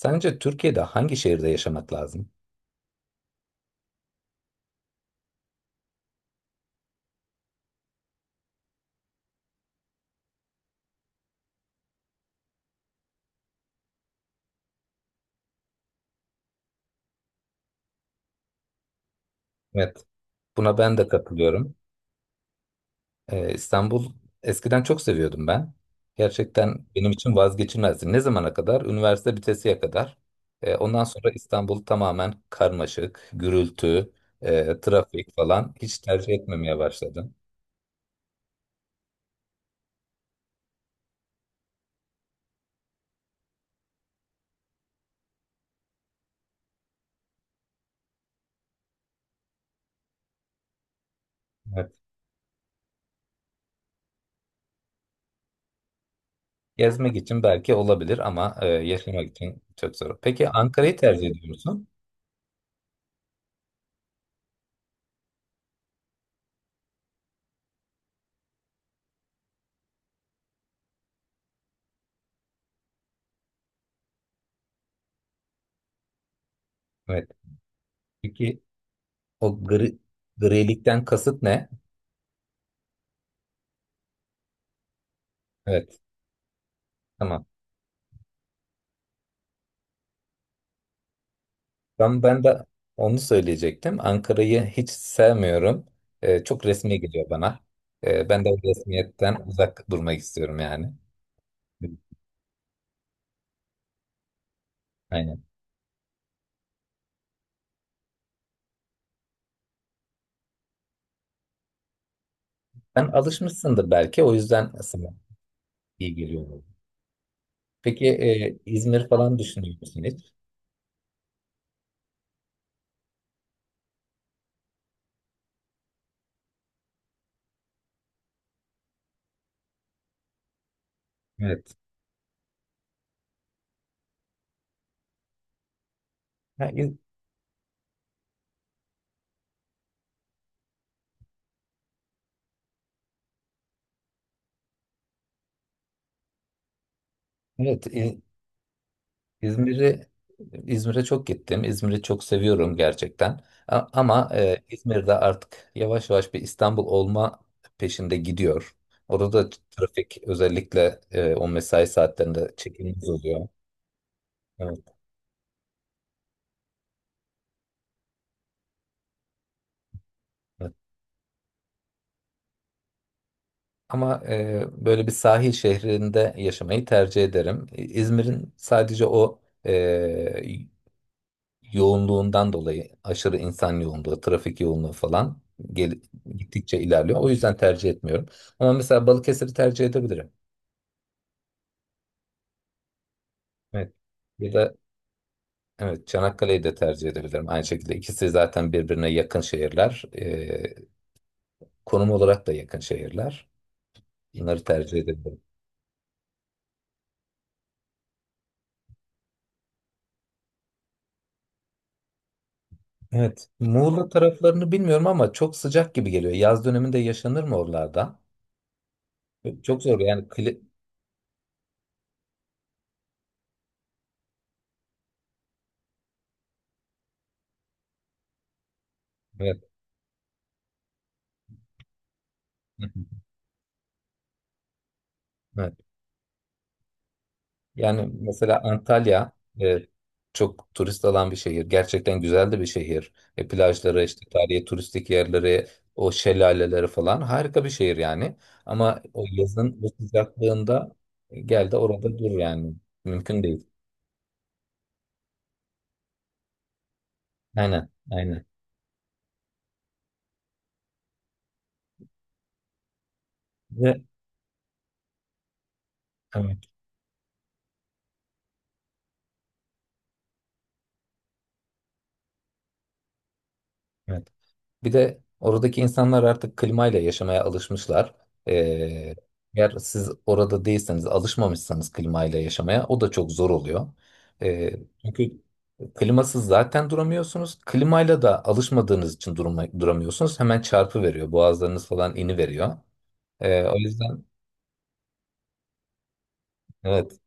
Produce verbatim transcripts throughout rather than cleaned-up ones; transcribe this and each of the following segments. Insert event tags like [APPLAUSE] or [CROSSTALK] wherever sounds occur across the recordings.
Sence Türkiye'de hangi şehirde yaşamak lazım? Evet. Buna ben de katılıyorum. Ee, İstanbul eskiden çok seviyordum ben. Gerçekten benim için vazgeçilmezdi. Ne zamana kadar? Üniversite bitesiye kadar. Ee, ondan sonra İstanbul tamamen karmaşık, gürültü, e, trafik falan hiç tercih etmemeye başladım. Evet. Gezmek için belki olabilir ama e, yaşamak için çok zor. Peki Ankara'yı tercih ediyor musun? Evet. Peki o gri, grilikten kasıt ne? Evet. Tamam. Ben, ben de onu söyleyecektim. Ankara'yı hiç sevmiyorum. Ee, çok resmi geliyor bana. Ee, ben de o resmiyetten uzak durmak istiyorum yani. Aynen. Sen alışmışsındır belki o yüzden sana iyi geliyor. Olabilir. Peki e, İzmir falan düşünüyor musun hiç? Evet. Ha, İz- evet, İzmir'i İzmir'e çok gittim. İzmir'i çok seviyorum gerçekten. A- Ama e, İzmir'de artık yavaş yavaş bir İstanbul olma peşinde gidiyor. Orada da trafik özellikle e, o mesai saatlerinde çekilmez oluyor. Evet, evet. Ama e, böyle bir sahil şehrinde yaşamayı tercih ederim. İ- İzmir'in sadece o e, yoğunluğundan dolayı aşırı insan yoğunluğu, trafik yoğunluğu falan gel gittikçe ilerliyor. O yüzden tercih etmiyorum. Ama mesela Balıkesir'i tercih edebilirim. Evet. Ya da evet, Çanakkale'yi de tercih edebilirim. Aynı şekilde ikisi zaten birbirine yakın şehirler. Ee, konum olarak da yakın şehirler. Bunları tercih edebilirim. Evet. Muğla taraflarını bilmiyorum ama çok sıcak gibi geliyor. Yaz döneminde yaşanır mı oralarda? Çok zor yani. Kli... Evet. [LAUGHS] Evet. Yani mesela Antalya e, çok turist alan bir şehir. Gerçekten güzel de bir şehir. E, plajları, işte tarihi turistik yerleri, o şelaleleri falan harika bir şehir yani. Ama o yazın o sıcaklığında e, gel de orada dur yani. Mümkün değil. Aynen, aynen. Ve evet, evet. Bir de oradaki insanlar artık klimayla yaşamaya alışmışlar. E, eğer siz orada değilseniz, alışmamışsanız klimayla yaşamaya o da çok zor oluyor. E, Çünkü klimasız zaten duramıyorsunuz. Klimayla da alışmadığınız için durma, duramıyorsunuz. Hemen çarpı veriyor. Boğazlarınız falan ini veriyor. Ee, o yüzden evet.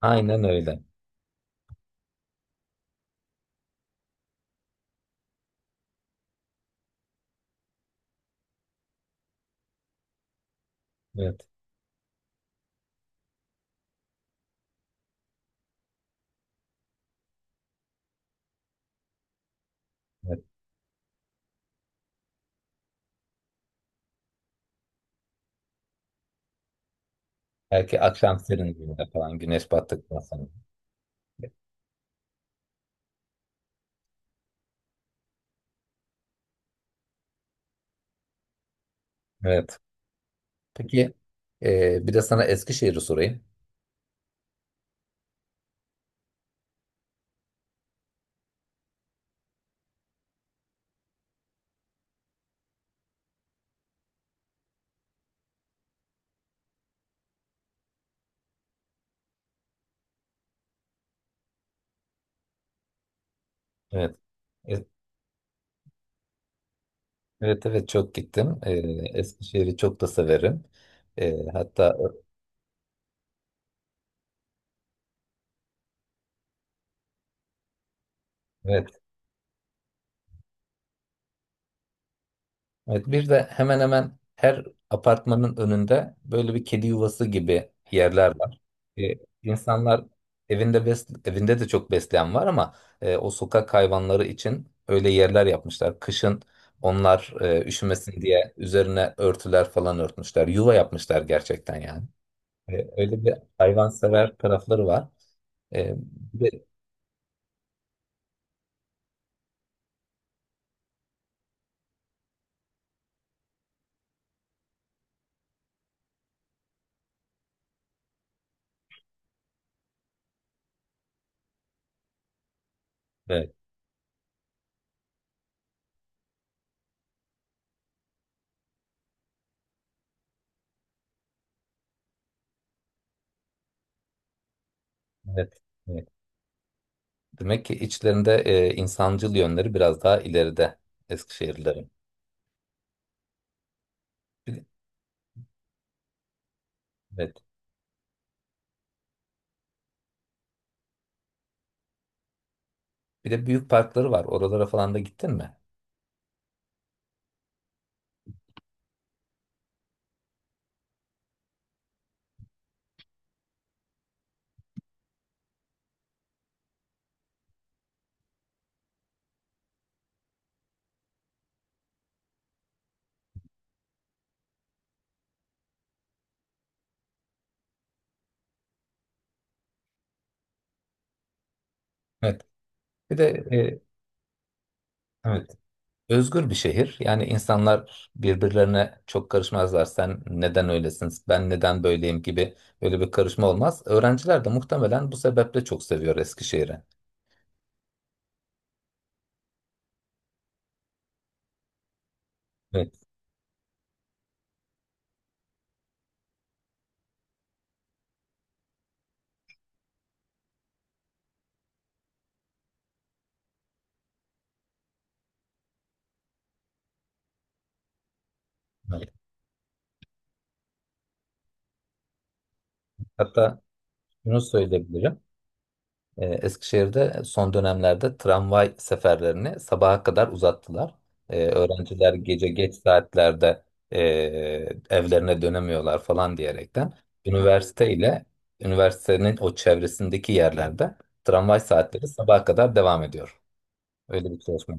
Aynen öyle. Evet, evet. Belki akşam serinliğinde falan güneş battıktan sonra. Evet. Peki e, bir de sana Eskişehir'i sorayım. Evet. E- Evet, evet, çok gittim. E, Eskişehir'i çok da severim. E, hatta evet. Evet, bir de hemen hemen her apartmanın önünde böyle bir kedi yuvası gibi yerler var. Ee, insanlar evinde bes evinde de çok besleyen var ama e, o sokak hayvanları için öyle yerler yapmışlar. Kışın onlar e, üşümesin diye üzerine örtüler falan örtmüşler. Yuva yapmışlar gerçekten yani. E, öyle bir hayvansever tarafları var. E, bir de- evet, evet, evet. Demek ki içlerinde e, insancıl yönleri biraz daha ileride Eskişehirlilerin. Evet. Bir de büyük parkları var. Oralara falan da gittin mi? Evet. Bir de e, evet. Özgür bir şehir. Yani insanlar birbirlerine çok karışmazlar. Sen neden öylesin, ben neden böyleyim gibi böyle bir karışma olmaz. Öğrenciler de muhtemelen bu sebeple çok seviyor Eskişehir'i. Evet, evet. Hatta şunu söyleyebilirim. E, Eskişehir'de son dönemlerde tramvay seferlerini sabaha kadar uzattılar. E, öğrenciler gece geç saatlerde e, evlerine dönemiyorlar falan diyerekten üniversite ile üniversitenin o çevresindeki yerlerde tramvay saatleri sabaha kadar devam ediyor. Öyle bir çalışma.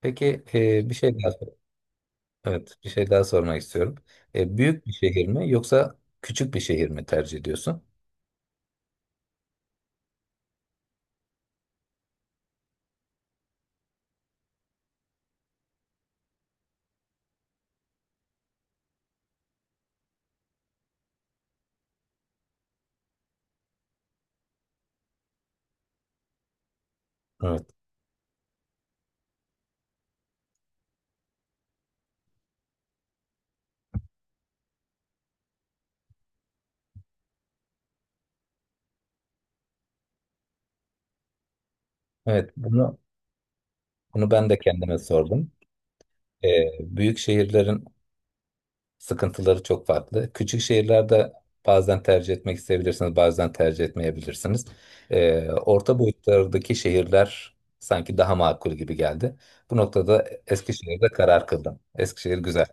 Peki e, bir şey daha Evet, bir şey daha sormak istiyorum. E, büyük bir şehir mi yoksa küçük bir şehir mi tercih ediyorsun? Evet. Evet, bunu Bunu ben de kendime sordum. E, büyük şehirlerin sıkıntıları çok farklı. Küçük şehirlerde bazen tercih etmek isteyebilirsiniz, bazen tercih etmeyebilirsiniz. E, orta boyutlardaki şehirler sanki daha makul gibi geldi. Bu noktada Eskişehir'de karar kıldım. Eskişehir güzel.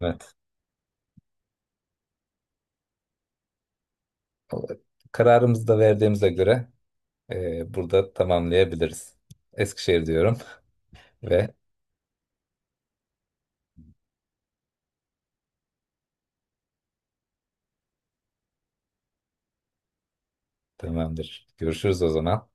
Evet. O- Kararımızı da verdiğimize göre e, burada tamamlayabiliriz. Eskişehir diyorum ve tamamdır. Görüşürüz o zaman.